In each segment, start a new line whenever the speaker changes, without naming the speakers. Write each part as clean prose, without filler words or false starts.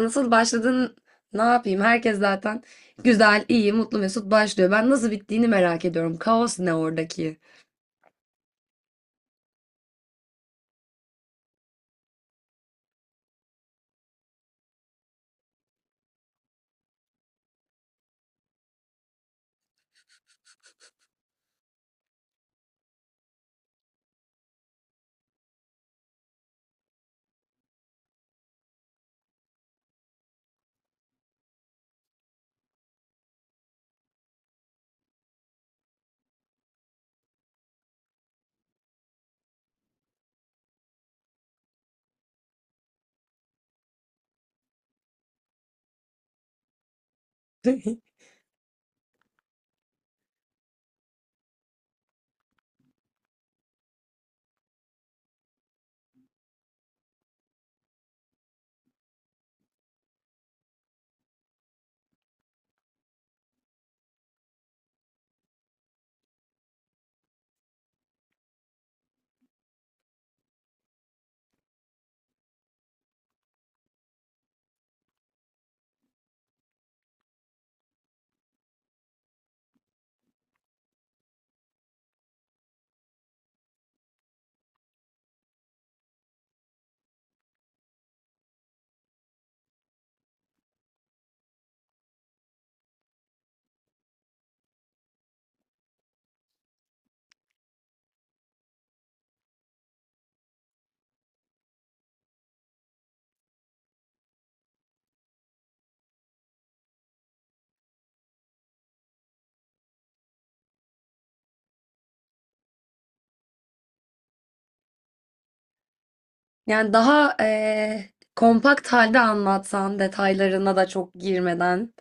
Nasıl başladın? Ne yapayım? Herkes zaten güzel, iyi, mutlu, mesut başlıyor. Ben nasıl bittiğini merak ediyorum. Kaos ne oradaki? Yani daha kompakt halde anlatsan, detaylarına da çok girmeden.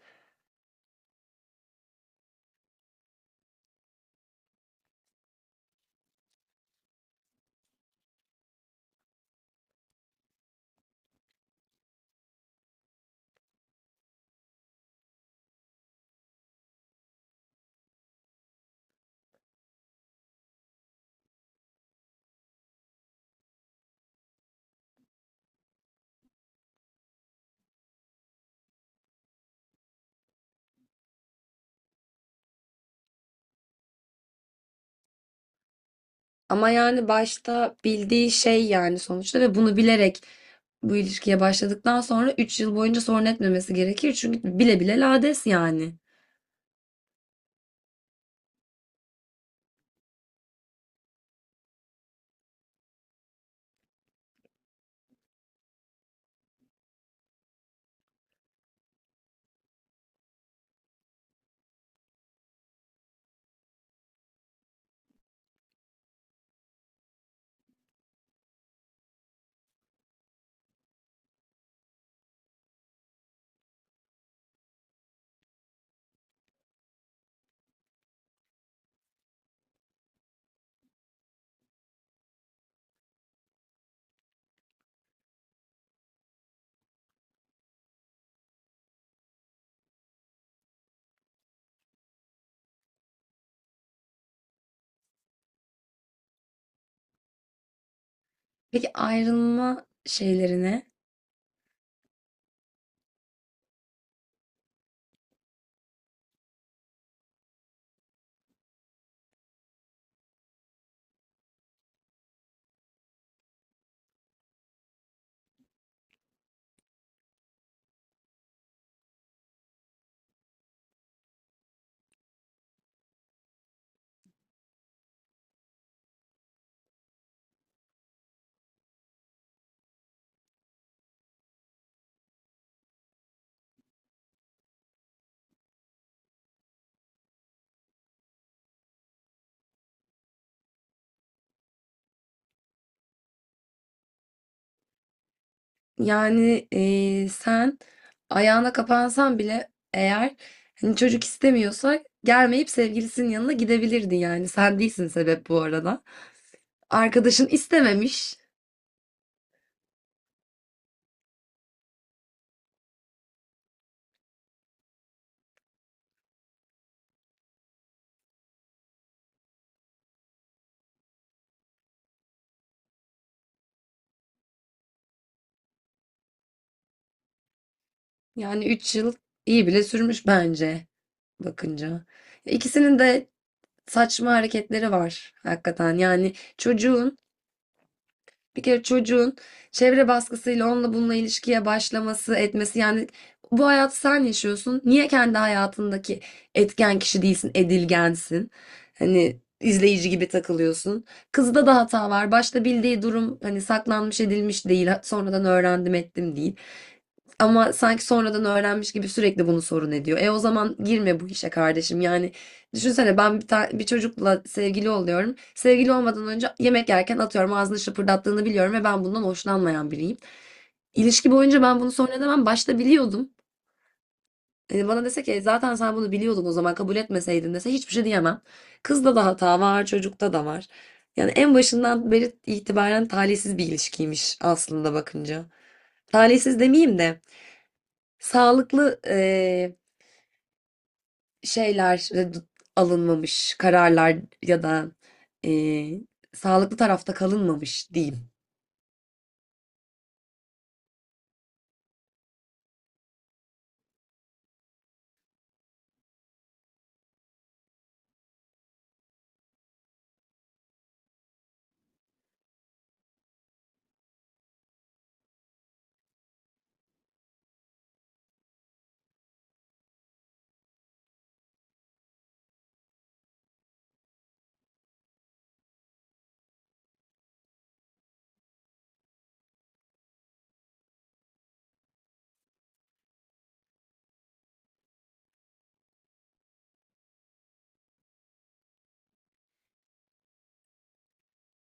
Ama yani başta bildiği şey yani sonuçta ve bunu bilerek bu ilişkiye başladıktan sonra 3 yıl boyunca sorun etmemesi gerekir. Çünkü bile bile lades yani. Peki ayrılma şeyleri ne? Yani sen ayağına kapansan bile eğer hani çocuk istemiyorsa gelmeyip sevgilisinin yanına gidebilirdi yani. Sen değilsin sebep bu arada. Arkadaşın istememiş. Yani 3 yıl iyi bile sürmüş bence bakınca. İkisinin de saçma hareketleri var hakikaten. Yani bir kere çocuğun çevre baskısıyla onunla bununla ilişkiye başlaması, etmesi yani bu hayatı sen yaşıyorsun. Niye kendi hayatındaki etken kişi değilsin, edilgensin? Hani izleyici gibi takılıyorsun. Kızda da hata var. Başta bildiği durum hani saklanmış edilmiş değil. Sonradan öğrendim ettim değil. Ama sanki sonradan öğrenmiş gibi sürekli bunu sorun ediyor. E o zaman girme bu işe kardeşim. Yani, düşünsene ben bir çocukla sevgili oluyorum. Sevgili olmadan önce yemek yerken atıyorum ağzını şıpırdattığını biliyorum ve ben bundan hoşlanmayan biriyim. İlişki boyunca ben bunu sonra demem. Başta biliyordum. E, bana dese ki "E, zaten sen bunu biliyordun o zaman kabul etmeseydin" dese hiçbir şey diyemem. Kızda da hata var, çocukta da var. Yani en başından beri itibaren talihsiz bir ilişkiymiş aslında bakınca. Talihsiz demeyeyim de sağlıklı şeyler alınmamış kararlar ya da e, sağlıklı tarafta kalınmamış diyeyim.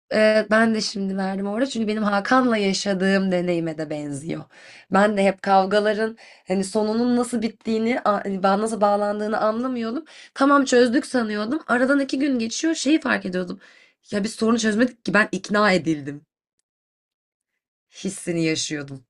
Evet, ben de şimdi verdim orada çünkü benim Hakan'la yaşadığım deneyime de benziyor. Ben de hep kavgaların hani sonunun nasıl bittiğini, hani nasıl bağlandığını anlamıyordum. Tamam, çözdük sanıyordum. Aradan 2 gün geçiyor, şeyi fark ediyordum. Ya biz sorunu çözmedik ki, ben ikna edildim hissini yaşıyordum.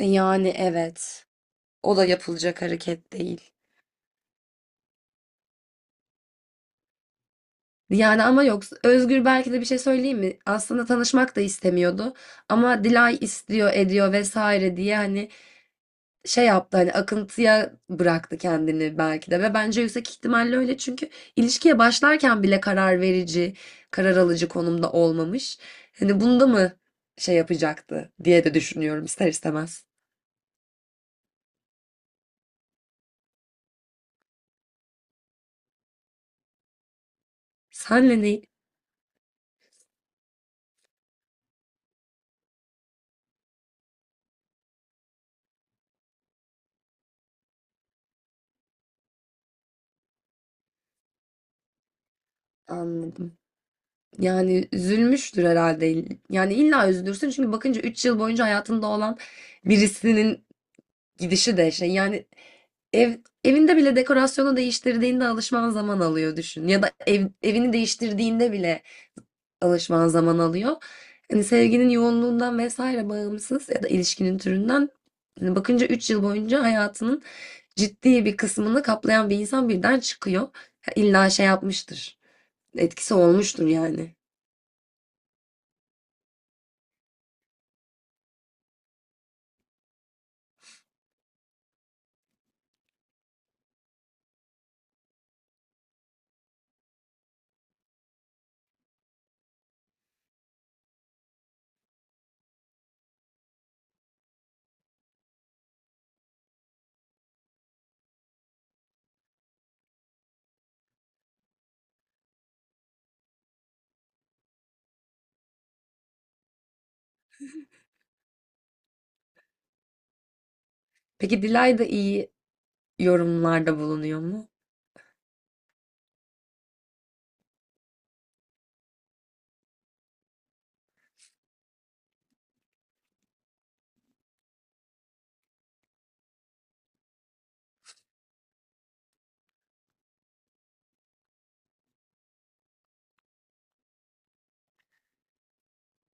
Yani evet, o da yapılacak hareket değil. Yani ama yok. Özgür belki de, bir şey söyleyeyim mi? Aslında tanışmak da istemiyordu. Ama Dilay istiyor, ediyor vesaire diye hani şey yaptı, hani akıntıya bıraktı kendini belki de, ve bence yüksek ihtimalle öyle çünkü ilişkiye başlarken bile karar verici, karar alıcı konumda olmamış. Hani bunda mı şey yapacaktı diye de düşünüyorum ister istemez. Senle ne? Anladım. Yani üzülmüştür herhalde. Yani illa üzülürsün çünkü bakınca 3 yıl boyunca hayatında olan birisinin gidişi de şey yani, ev evinde bile dekorasyonu değiştirdiğinde alışman zaman alıyor, düşün. Ya da evini değiştirdiğinde bile alışman zaman alıyor. Hani sevginin yoğunluğundan vesaire bağımsız ya da ilişkinin türünden, hani bakınca 3 yıl boyunca hayatının ciddi bir kısmını kaplayan bir insan birden çıkıyor. Ha, İlla şey yapmıştır. Etkisi olmuştur yani. Peki Dilay da iyi yorumlarda bulunuyor mu?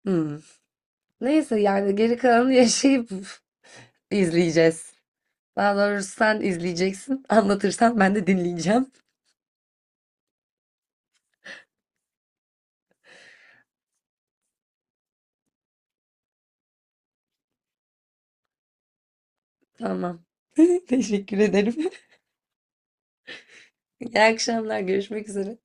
Hmm. Neyse, yani geri kalanı yaşayıp izleyeceğiz. Daha doğrusu sen izleyeceksin. Anlatırsan ben de dinleyeceğim. Tamam. Teşekkür ederim. İyi akşamlar. Görüşmek üzere.